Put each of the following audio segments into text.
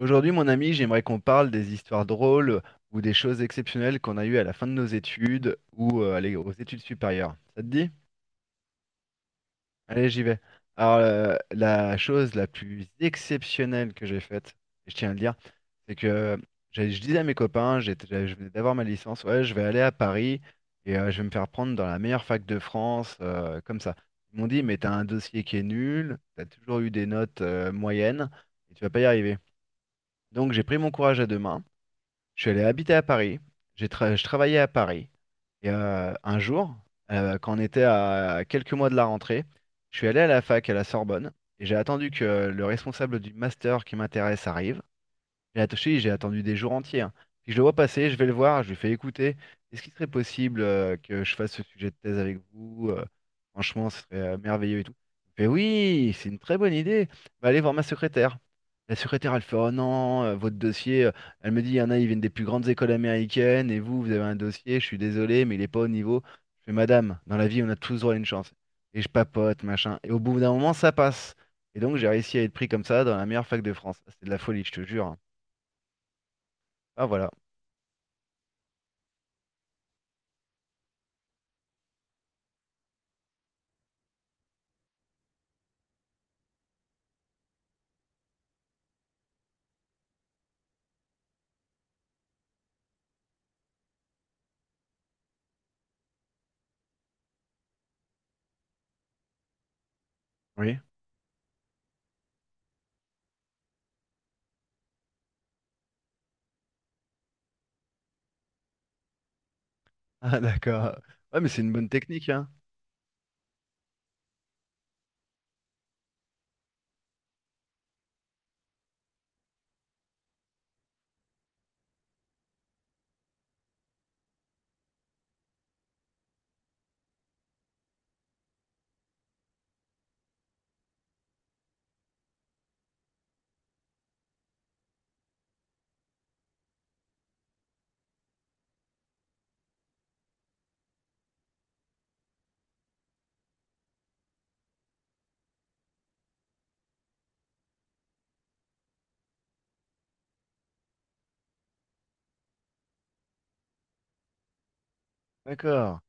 Aujourd'hui, mon ami, j'aimerais qu'on parle des histoires drôles ou des choses exceptionnelles qu'on a eues à la fin de nos études ou allez, aux études supérieures. Ça te dit? Allez, j'y vais. Alors, la chose la plus exceptionnelle que j'ai faite, et je tiens à le dire, c'est que je disais à mes copains, je venais d'avoir ma licence, ouais, je vais aller à Paris et je vais me faire prendre dans la meilleure fac de France, comme ça. Ils m'ont dit, mais t'as un dossier qui est nul, t'as toujours eu des notes moyennes et tu vas pas y arriver. Donc, j'ai pris mon courage à deux mains. Je suis allé habiter à Paris. Je travaillais à Paris. Et un jour, quand on était à quelques mois de la rentrée, je suis allé à la fac à la Sorbonne et j'ai attendu que le responsable du master qui m'intéresse arrive. J'ai attaché, j'ai attendu des jours entiers, hein. Puis je le vois passer, je vais le voir, je lui fais écouter. Est-ce qu'il serait possible que je fasse ce sujet de thèse avec vous? Franchement, ce serait merveilleux et tout. Il me fait oui, c'est une très bonne idée. Bah, allez voir ma secrétaire. La secrétaire, elle fait oh non, votre dossier. Elle me dit, il y en a, ils viennent des plus grandes écoles américaines et vous, vous avez un dossier, je suis désolé, mais il n'est pas au niveau. Je fais madame, dans la vie, on a tous droit à une chance. Et je papote, machin. Et au bout d'un moment, ça passe. Et donc, j'ai réussi à être pris comme ça dans la meilleure fac de France. Ah, c'est de la folie, je te jure, hein. Ah voilà, oui. Ah, d'accord. Ouais, mais c'est une bonne technique, hein. D'accord.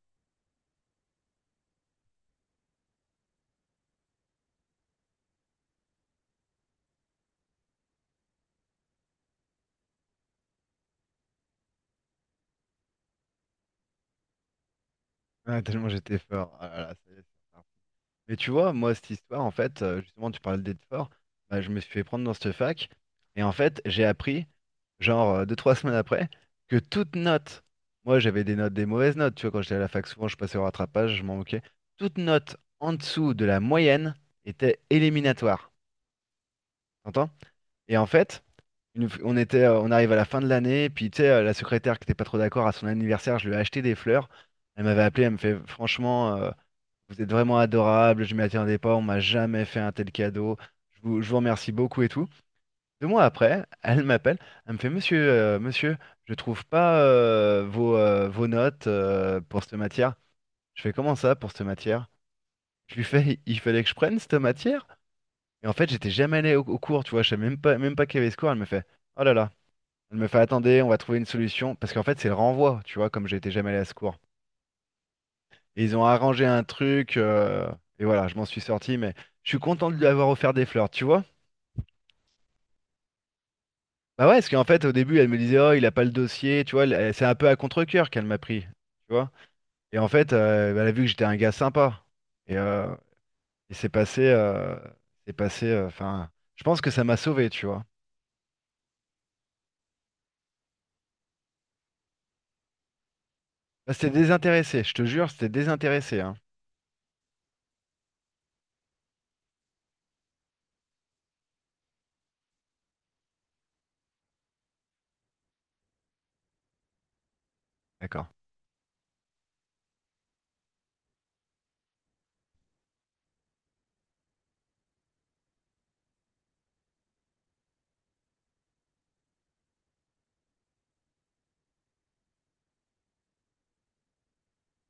Ah, tellement j'étais fort. Ah là là, ça y est, c'est fort. Mais tu vois, moi, cette histoire, en fait, justement, tu parlais d'être fort. Bah, je me suis fait prendre dans cette fac. Et en fait, j'ai appris, genre, 2, 3 semaines après, que toute note, moi, j'avais des notes, des mauvaises notes. Tu vois, quand j'étais à la fac, souvent, je passais au rattrapage, je m'en moquais. Toute note en dessous de la moyenne était éliminatoire. T'entends? Et en fait, on était, on arrive à la fin de l'année, puis tu sais, la secrétaire qui n'était pas trop d'accord à son anniversaire, je lui ai acheté des fleurs. Elle m'avait appelé, elle me fait, franchement, vous êtes vraiment adorable, je m'y attendais pas, on m'a jamais fait un tel cadeau. Je vous remercie beaucoup et tout. 2 mois après, elle m'appelle, elle me fait, monsieur, je trouve pas vos notes pour cette matière. Je fais comment ça pour cette matière? Je lui fais, il fallait que je prenne cette matière? Et en fait, j'étais jamais allé au cours, tu vois, je savais même pas qu'il y avait ce cours. Elle me fait, oh là là. Elle me fait attendez, on va trouver une solution. Parce qu'en fait, c'est le renvoi, tu vois, comme j'étais jamais allé à ce cours. Et ils ont arrangé un truc, et voilà, je m'en suis sorti, mais je suis content de lui avoir offert des fleurs, tu vois. Bah ouais, parce qu'en fait, au début, elle me disait, oh, il a pas le dossier, tu vois, c'est un peu à contre-cœur qu'elle m'a pris, tu vois. Et en fait, bah, elle a vu que j'étais un gars sympa. Et, euh, et c'est passé, enfin, je pense que ça m'a sauvé, tu vois. Bah, c'était désintéressé, je te jure, c'était désintéressé, hein. D'accord.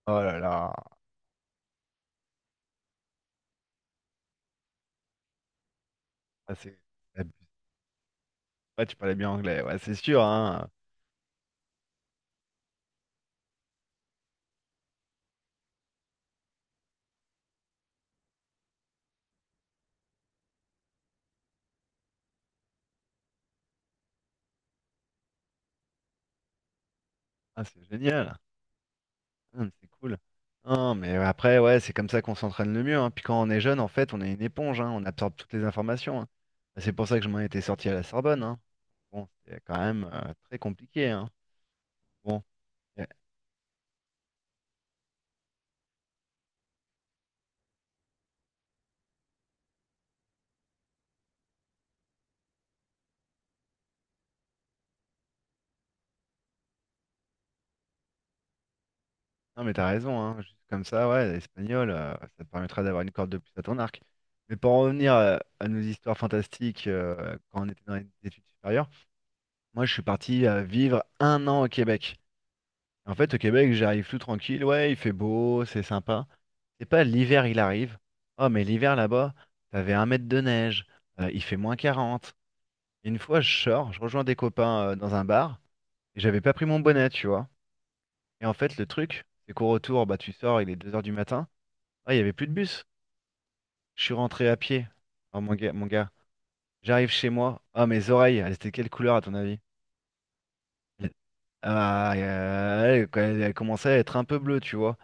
Oh là là, ah, c'est la Ouais, tu parlais bien anglais, ouais, c'est sûr, hein. Ah, c'est génial. Ah, c'est cool. Non, mais après, ouais, c'est comme ça qu'on s'entraîne le mieux, hein. Puis quand on est jeune, en fait, on est une éponge, hein. On absorbe toutes les informations, hein. Bah, c'est pour ça que je m'en étais sorti à la Sorbonne, hein. Bon, c'était quand même très compliqué, hein. Bon, eh, non, mais t'as raison, hein. Juste comme ça, ouais, l'espagnol, ça te permettra d'avoir une corde de plus à ton arc. Mais pour en revenir à nos histoires fantastiques quand on était dans les études supérieures, moi, je suis parti vivre un an au Québec. En fait, au Québec, j'arrive tout tranquille. Ouais, il fait beau, c'est sympa. C'est pas l'hiver, il arrive. Oh, mais l'hiver là-bas, t'avais 1 mètre de neige, il fait -40. Et une fois, je sors, je rejoins des copains dans un bar, et j'avais pas pris mon bonnet, tu vois. Et en fait, le truc, c'est qu'au retour, bah, tu sors, il est 2 h du matin. Ah, il y avait plus de bus. Je suis rentré à pied. Oh, mon gars, mon gars. J'arrive chez moi. Oh, mes oreilles, elles étaient de quelle couleur à ton avis? Ah, elle, quand elle commençait à être un peu bleue, tu vois.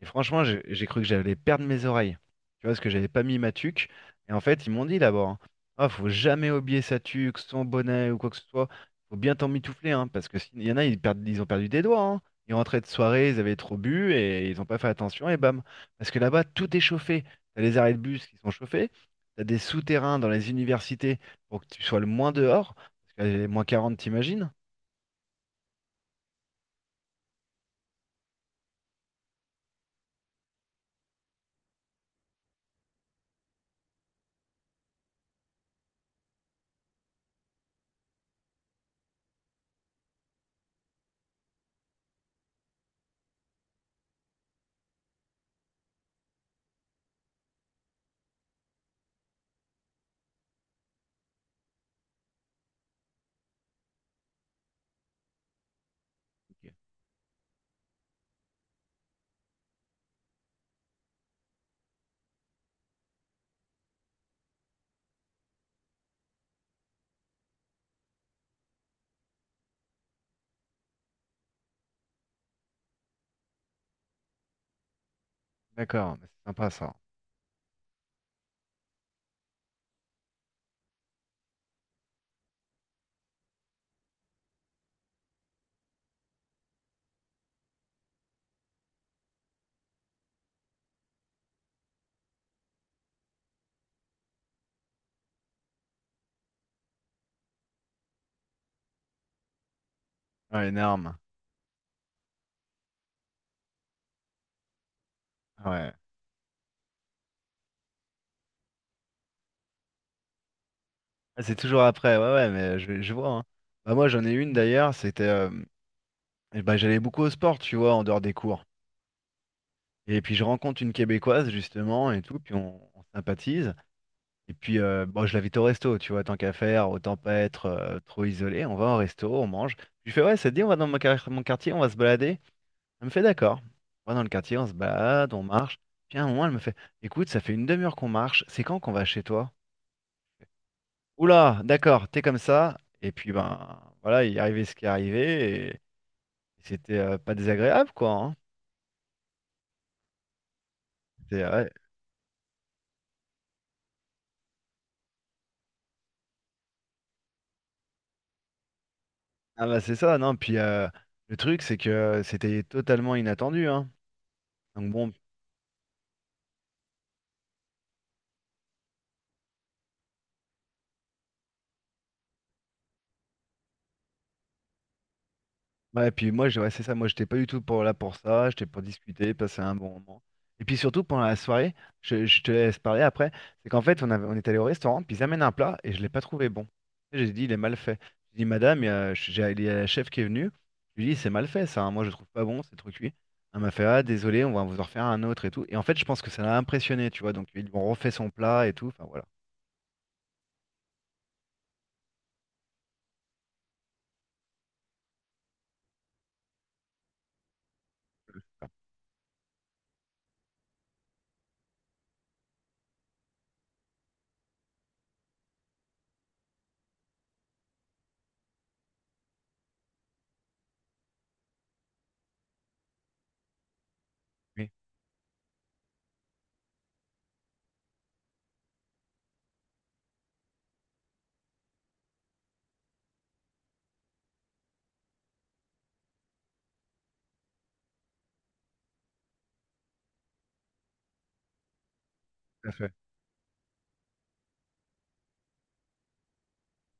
Et franchement, j'ai cru que j'allais perdre mes oreilles. Tu vois, parce que j'avais pas mis ma tuque. Et en fait, ils m'ont dit d'abord, hein, ah, faut jamais oublier sa tuque, son bonnet ou quoi que ce soit. Faut bien t'en mitoufler, hein, parce que s'il y en a, ils perdent, ils ont perdu des doigts, hein. Ils rentraient de soirée, ils avaient trop bu et ils ont pas fait attention et bam. Parce que là-bas, tout est chauffé. T'as les arrêts de bus qui sont chauffés. T'as des souterrains dans les universités pour que tu sois le moins dehors. Parce que -40, t'imagines? D'accord, mais c'est sympa ça. Ouais, une arme, ouais. Ah, c'est toujours après, ouais, ouais, mais je vois, hein. Bah, moi, j'en ai une d'ailleurs, c'était, ben, j'allais beaucoup au sport, tu vois, en dehors des cours. Et puis, je rencontre une Québécoise, justement, et tout, puis on sympathise. Et puis, bon, je l'invite au resto, tu vois, tant qu'à faire, autant pas être trop isolé. On va au resto, on mange. Je lui fais, ouais, ça te dit, on va dans mon quartier, on va se balader. Elle me fait, d'accord. On va dans le quartier, on se balade, on marche. Puis, à un moment, elle me fait, écoute, ça fait une demi-heure qu'on marche, c'est quand qu'on va chez toi? Oula, d'accord, t'es comme ça. Et puis, ben, voilà, il est arrivé ce qui est arrivé. Et c'était pas désagréable, quoi, hein. C'est, ouais. Ah, bah, c'est ça, non. Puis, le truc, c'est que c'était totalement inattendu, hein. Donc, bon. Ouais, et puis moi, ouais, c'est ça, moi j'étais pas du tout pour là pour ça, j'étais pour discuter, passer un bon moment. Et puis surtout pendant la soirée, je te laisse parler après, c'est qu'en fait on est allé au restaurant, puis ils amènent un plat et je l'ai pas trouvé bon. Et j'ai dit il est mal fait. J'ai dit madame, il y a la chef qui est venue, je lui ai dit c'est mal fait ça, hein, moi je trouve pas bon, c'est trop cuit. Elle m'a fait ah désolé, on va vous en refaire un autre et tout. Et en fait je pense que ça l'a impressionné, tu vois, donc ils lui ont refait son plat et tout, enfin voilà. Oui, tout à fait.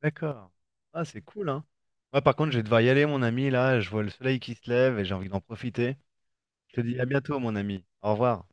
D'accord. Ah, c'est cool, hein. Moi, par contre, je vais devoir y aller, mon ami. Là, je vois le soleil qui se lève et j'ai envie d'en profiter. Je te dis à bientôt, mon ami. Au revoir.